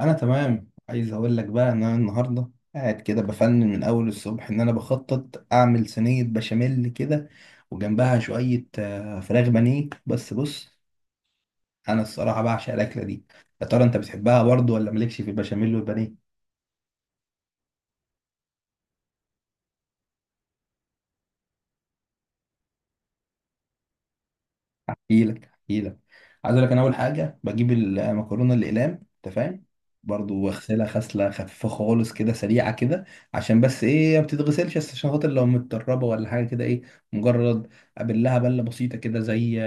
انا تمام، عايز اقول لك بقى ان انا النهارده قاعد كده بفنن من اول الصبح ان انا بخطط اعمل صينيه بشاميل كده، وجنبها شويه فراخ بانيه. بس بص، انا الصراحه بعشق الاكله دي. يا ترى انت بتحبها برضو ولا مالكش في البشاميل والبانيه؟ احكي لك. عايز اقول لك، انا اول حاجه بجيب المكرونه الاقلام، انت فاهم، برضو واغسلها غسله خفيفه خالص كده، سريعه كده، عشان بس ايه، ما بتتغسلش، بس عشان خاطر لو متدربه ولا حاجه كده. ايه، مجرد ابلها بله بسيطه كده، زي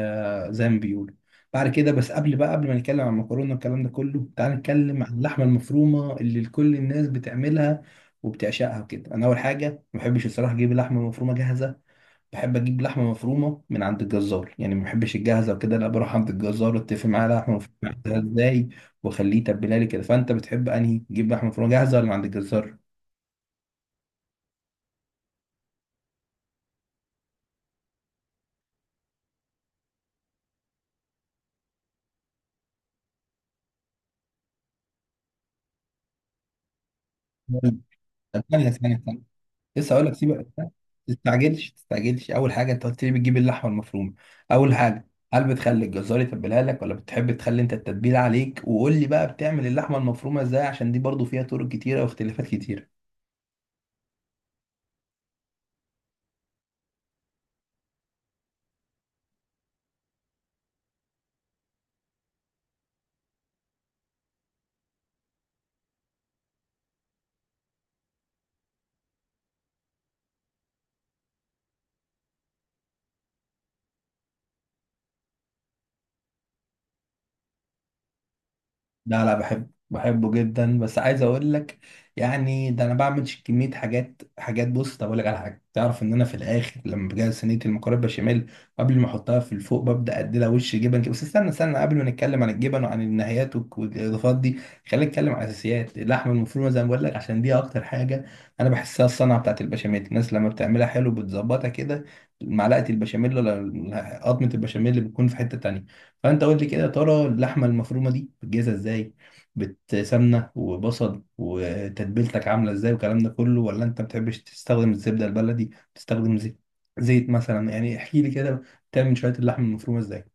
زي ما بيقولوا. بعد كده بس، قبل بقى، قبل ما نتكلم عن المكرونه والكلام ده كله، تعال نتكلم عن اللحمه المفرومه اللي كل الناس بتعملها وبتعشقها كده. انا اول حاجه ما بحبش الصراحه اجيب اللحمه المفرومه جاهزه، بحب اجيب لحمه مفرومه من عند الجزار. يعني ما بحبش الجاهزه وكده، لا، بروح عند الجزار، اتفق معاه لحمه مفرومه عايزها ازاي، واخليه يتبلها لي كده. فانت بتحب انهي تجيب لحمه مفرومه جاهزه، ولا من عند الجزار؟ طب ثانيه، لسه اقول لك، سيبك ما تستعجلش. اول حاجه انت قلت لي بتجيب اللحمه المفرومه، اول حاجه هل بتخلي الجزار يتبلها لك، ولا بتحب تخلي انت التتبيله عليك؟ وقول لي بقى بتعمل اللحمه المفرومه ازاي، عشان دي برضو فيها طرق كتيره واختلافات كتيره. لا لا، بحبه جدا. بس عايز اقول لك، يعني ده انا بعمل كميه حاجات. بص، طب اقول لك على حاجه، تعرف ان انا في الاخر لما بجهز صينيه المكرونه بشاميل، قبل ما احطها في الفوق ببدا اديلها وش جبن كده. بس استنى استنى، قبل ما نتكلم عن الجبن وعن النهايات والاضافات دي، خلينا نتكلم عن الاساسيات. اللحمه المفرومه زي ما بقول لك، عشان دي اكتر حاجه انا بحسها الصنعه بتاعت البشاميل. الناس لما بتعملها حلو بتظبطها كده، معلقه البشاميل، ولا قطمه البشاميل اللي بتكون في حته تانيه. فانت قول لي كده، يا ترى اللحمه المفرومه دي بتجهزها ازاي؟ بتسمنه وبصل، وتتبيلتك عامله ازاي والكلام ده كله؟ ولا انت ما بتحبش تستخدم الزبده البلدي، بتستخدم زيت؟ زيت مثلا يعني، احكي لي كده بتعمل شويه اللحمه المفرومه ازاي.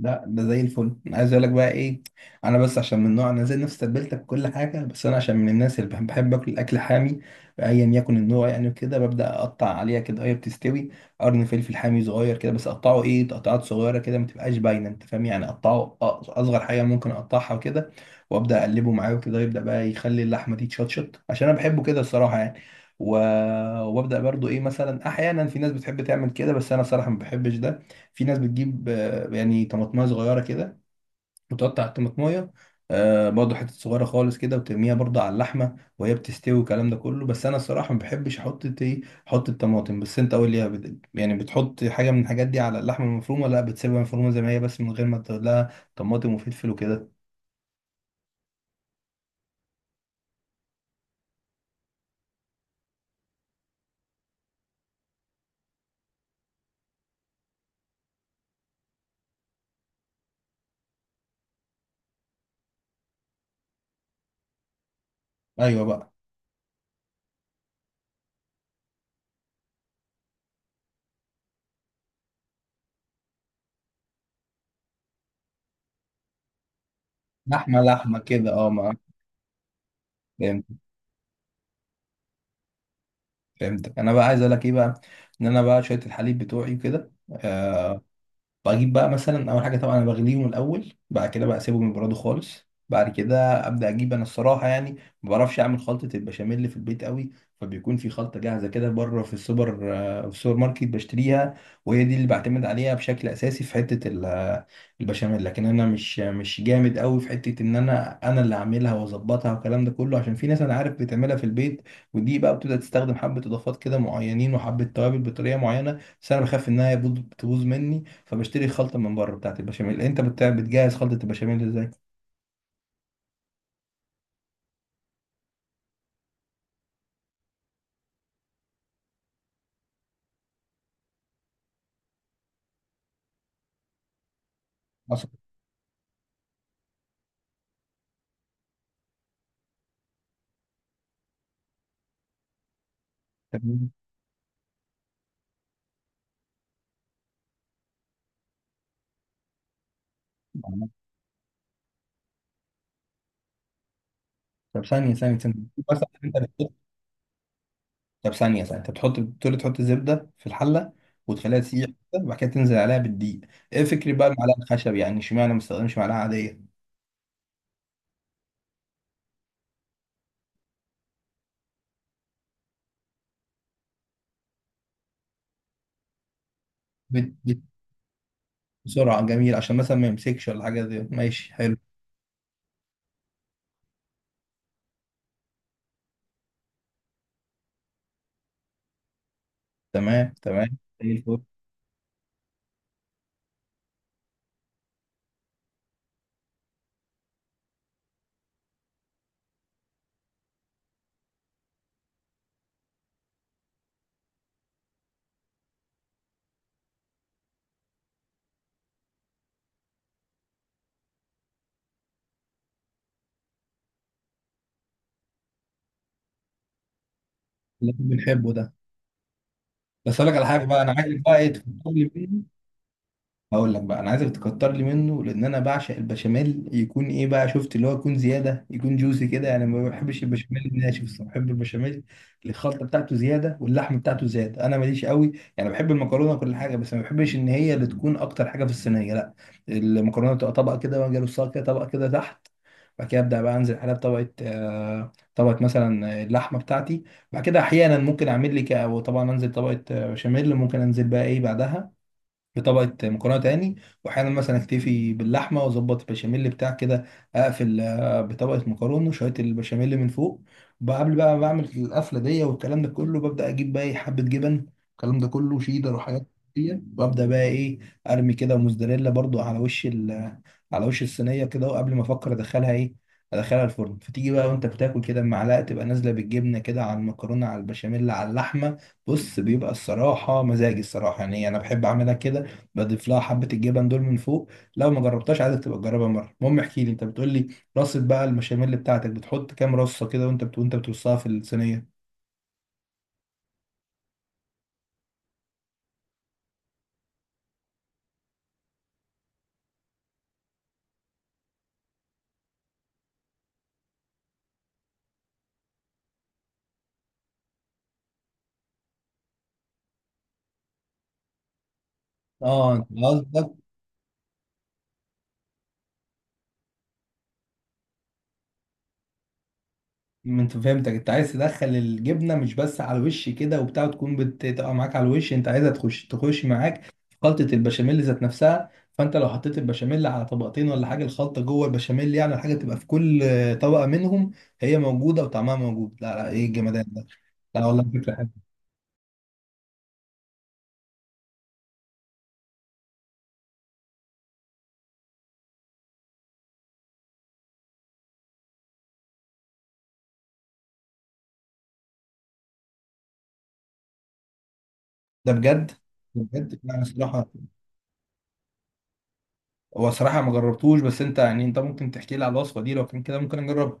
لا ده زي الفل. انا عايز اقول لك بقى ايه، انا بس عشان من نوع انا زي نفس تتبيلتك كل حاجه، بس انا عشان من الناس اللي بحب اكل الاكل حامي، ايا يكن النوع يعني، وكده ببدا اقطع عليها كده هي بتستوي قرن فلفل حامي صغير كده. بس اقطعه ايه، تقطعات صغيره كده، ما تبقاش باينه، انت فاهم، يعني اقطعه اصغر حاجه ممكن اقطعها وكده. وابدا اقلبه معاه وكده، يبدا بقى يخلي اللحمه دي تشطشط، عشان انا بحبه كده الصراحه يعني. و... وابدا برضو ايه، مثلا احيانا في ناس بتحب تعمل كده، بس انا صراحه ما بحبش ده. في ناس بتجيب يعني طماطمايه صغيره كده، وتقطع الطماطمايه برضه حتت صغيره خالص كده، وترميها برضه على اللحمه وهي بتستوي والكلام ده كله. بس انا الصراحه ما بحبش احط ايه، احط الطماطم. بس انت قول لي يعني بتحط حاجه من الحاجات دي على اللحمه المفرومه، لا بتسيبها مفرومه زي ما هي بس من غير ما تقول لها طماطم وفلفل وكده؟ ايوه بقى. لحمه لحمه كده اه ما. فهمت، فهمتك. انا بقى عايز اقول لك ايه بقى، ان انا بقى شويه الحليب بتوعي وكده بجيب بقى مثلا اول حاجه. طبعا انا بغليهم الاول، بعد كده بقى اسيبهم يبردوا خالص، بعد كده ابدا اجيب. انا الصراحه يعني ما بعرفش اعمل خلطه البشاميل اللي في البيت قوي، فبيكون في خلطه جاهزه كده بره في السوبر في السوبر ماركت بشتريها، وهي دي اللي بعتمد عليها بشكل اساسي في حته البشاميل. لكن انا مش جامد قوي في حته ان انا اللي اعملها واظبطها والكلام ده كله، عشان في ناس انا عارف بتعملها في البيت، ودي بقى بتبدا تستخدم حبه اضافات كده معينين وحبه توابل بطريقه معينه، بس انا بخاف انها تبوظ مني، فبشتري خلطة من بره بتاعت البشاميل. انت بتجهز خلطة البشاميل ازاي؟ مثلا تمام. طب ثانية مثلا، انت بتحط، طب ثانية، انت بتحط، بتقول تحط الزبدة في الحلة وتخليها تسيح كده، وبعد كده تنزل عليها بالدقيق. ايه فكري بقى المعلقة الخشب، يعني اشمعنى ما استخدمش معلقة عادية؟ بت... بت... بسرعة، جميل، عشان مثلا ما يمسكش ولا حاجة زي. ماشي حلو، تمام تمام، زي الفل. اللي احنا بنحبه ده. بس اقول لك على حاجة بقى، انا عايزك بقى ايه، تفكر لي، هقول لك بقى، انا عايزك تكتر لي منه، لان انا بعشق البشاميل يكون ايه بقى، شفت، اللي هو يكون زياده، يكون جوسي كده. انا ما بحبش البشاميل الناشف الصراحه، بحب البشاميل اللي الخلطه بتاعته زياده واللحم بتاعته زياده. انا ماليش قوي يعني، بحب المكرونه وكل حاجه، بس ما بحبش ان هي اللي تكون اكتر حاجه في الصينيه، لا. المكرونه تبقى طبقه كده، واجي ارصها كده طبقه كده تحت، بعد كده ابدا بقى انزل عليها بطبقه طبقه مثلا اللحمه بتاعتي، بعد كده احيانا ممكن اعمل لي وطبعا انزل طبقه بشاميل، ممكن انزل بقى ايه بعدها في طبقة مكرونة تاني، وأحيانا مثلا أكتفي باللحمة وأظبط البشاميل بتاع كده، أقفل بطبقة مكرونة وشوية البشاميل من فوق. وقبل بقى ما بعمل القفلة دي والكلام ده كله، ببدأ أجيب بقى إيه، حبة جبن، الكلام ده كله شيدر وحاجات دي، وأبدأ بقى إيه، أرمي كده موزاريلا برضو على وش على وش الصينية كده. وقبل ما أفكر أدخلها إيه، أدخلها الفرن، فتيجي بقى وأنت بتاكل كده المعلقة تبقى نازلة بالجبنة كده على المكرونة على البشاميل على اللحمة. بص، بيبقى الصراحة مزاجي الصراحة يعني، أنا بحب أعملها كده، بضيف لها حبة الجبن دول من فوق. لو ما جربتهاش عايزك تبقى تجربها مرة. المهم احكي لي، انت بتقول لي رصة بقى المشاميل بتاعتك، بتحط كام رصة كده وانت وانت بترصها في الصينية؟ اه انت قصدك، انت فهمتك، انت عايز تدخل الجبنة مش بس على الوش كده وبتاع، تكون بتبقى معاك على الوش، انت عايزها تخش معاك في خلطة البشاميل ذات نفسها، فانت لو حطيت البشاميل على طبقتين ولا حاجة، الخلطة جوه البشاميل، يعني الحاجة تبقى في كل طبقة منهم هي موجودة وطعمها موجود. لا لا، ايه الجمدان ده، لا والله فكرة. ده بجد، ده بجد. لا، انا صراحه، هو صراحه ما جربتوش، بس انت يعني انت ممكن تحكي لي على الوصفه دي، لو كان كده ممكن اجربها.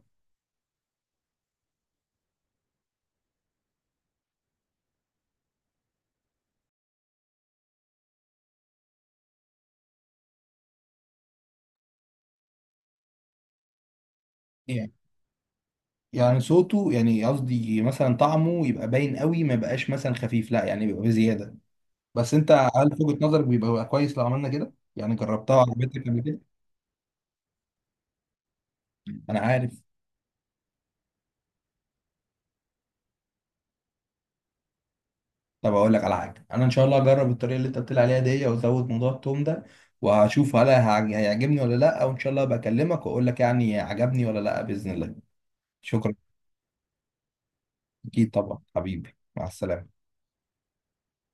يعني، يعني صوته يعني، قصدي مثلا طعمه يبقى باين قوي، ما يبقاش مثلا خفيف، لا يعني بيبقى بزياده. بس انت هل في وجهه نظرك بيبقى كويس لو عملنا كده، يعني جربتها وعجبتك قبل كده؟ انا عارف. طب اقول لك على حاجه، انا ان شاء الله هجرب الطريقه اللي انت قلت لي عليها دي، وازود موضوع التوم ده، وهشوف هل هيعجبني ولا لا، وان شاء الله بكلمك واقول لك يعني عجبني ولا لا باذن الله. شكرا. اكيد طبعا حبيبي، مع السلامة.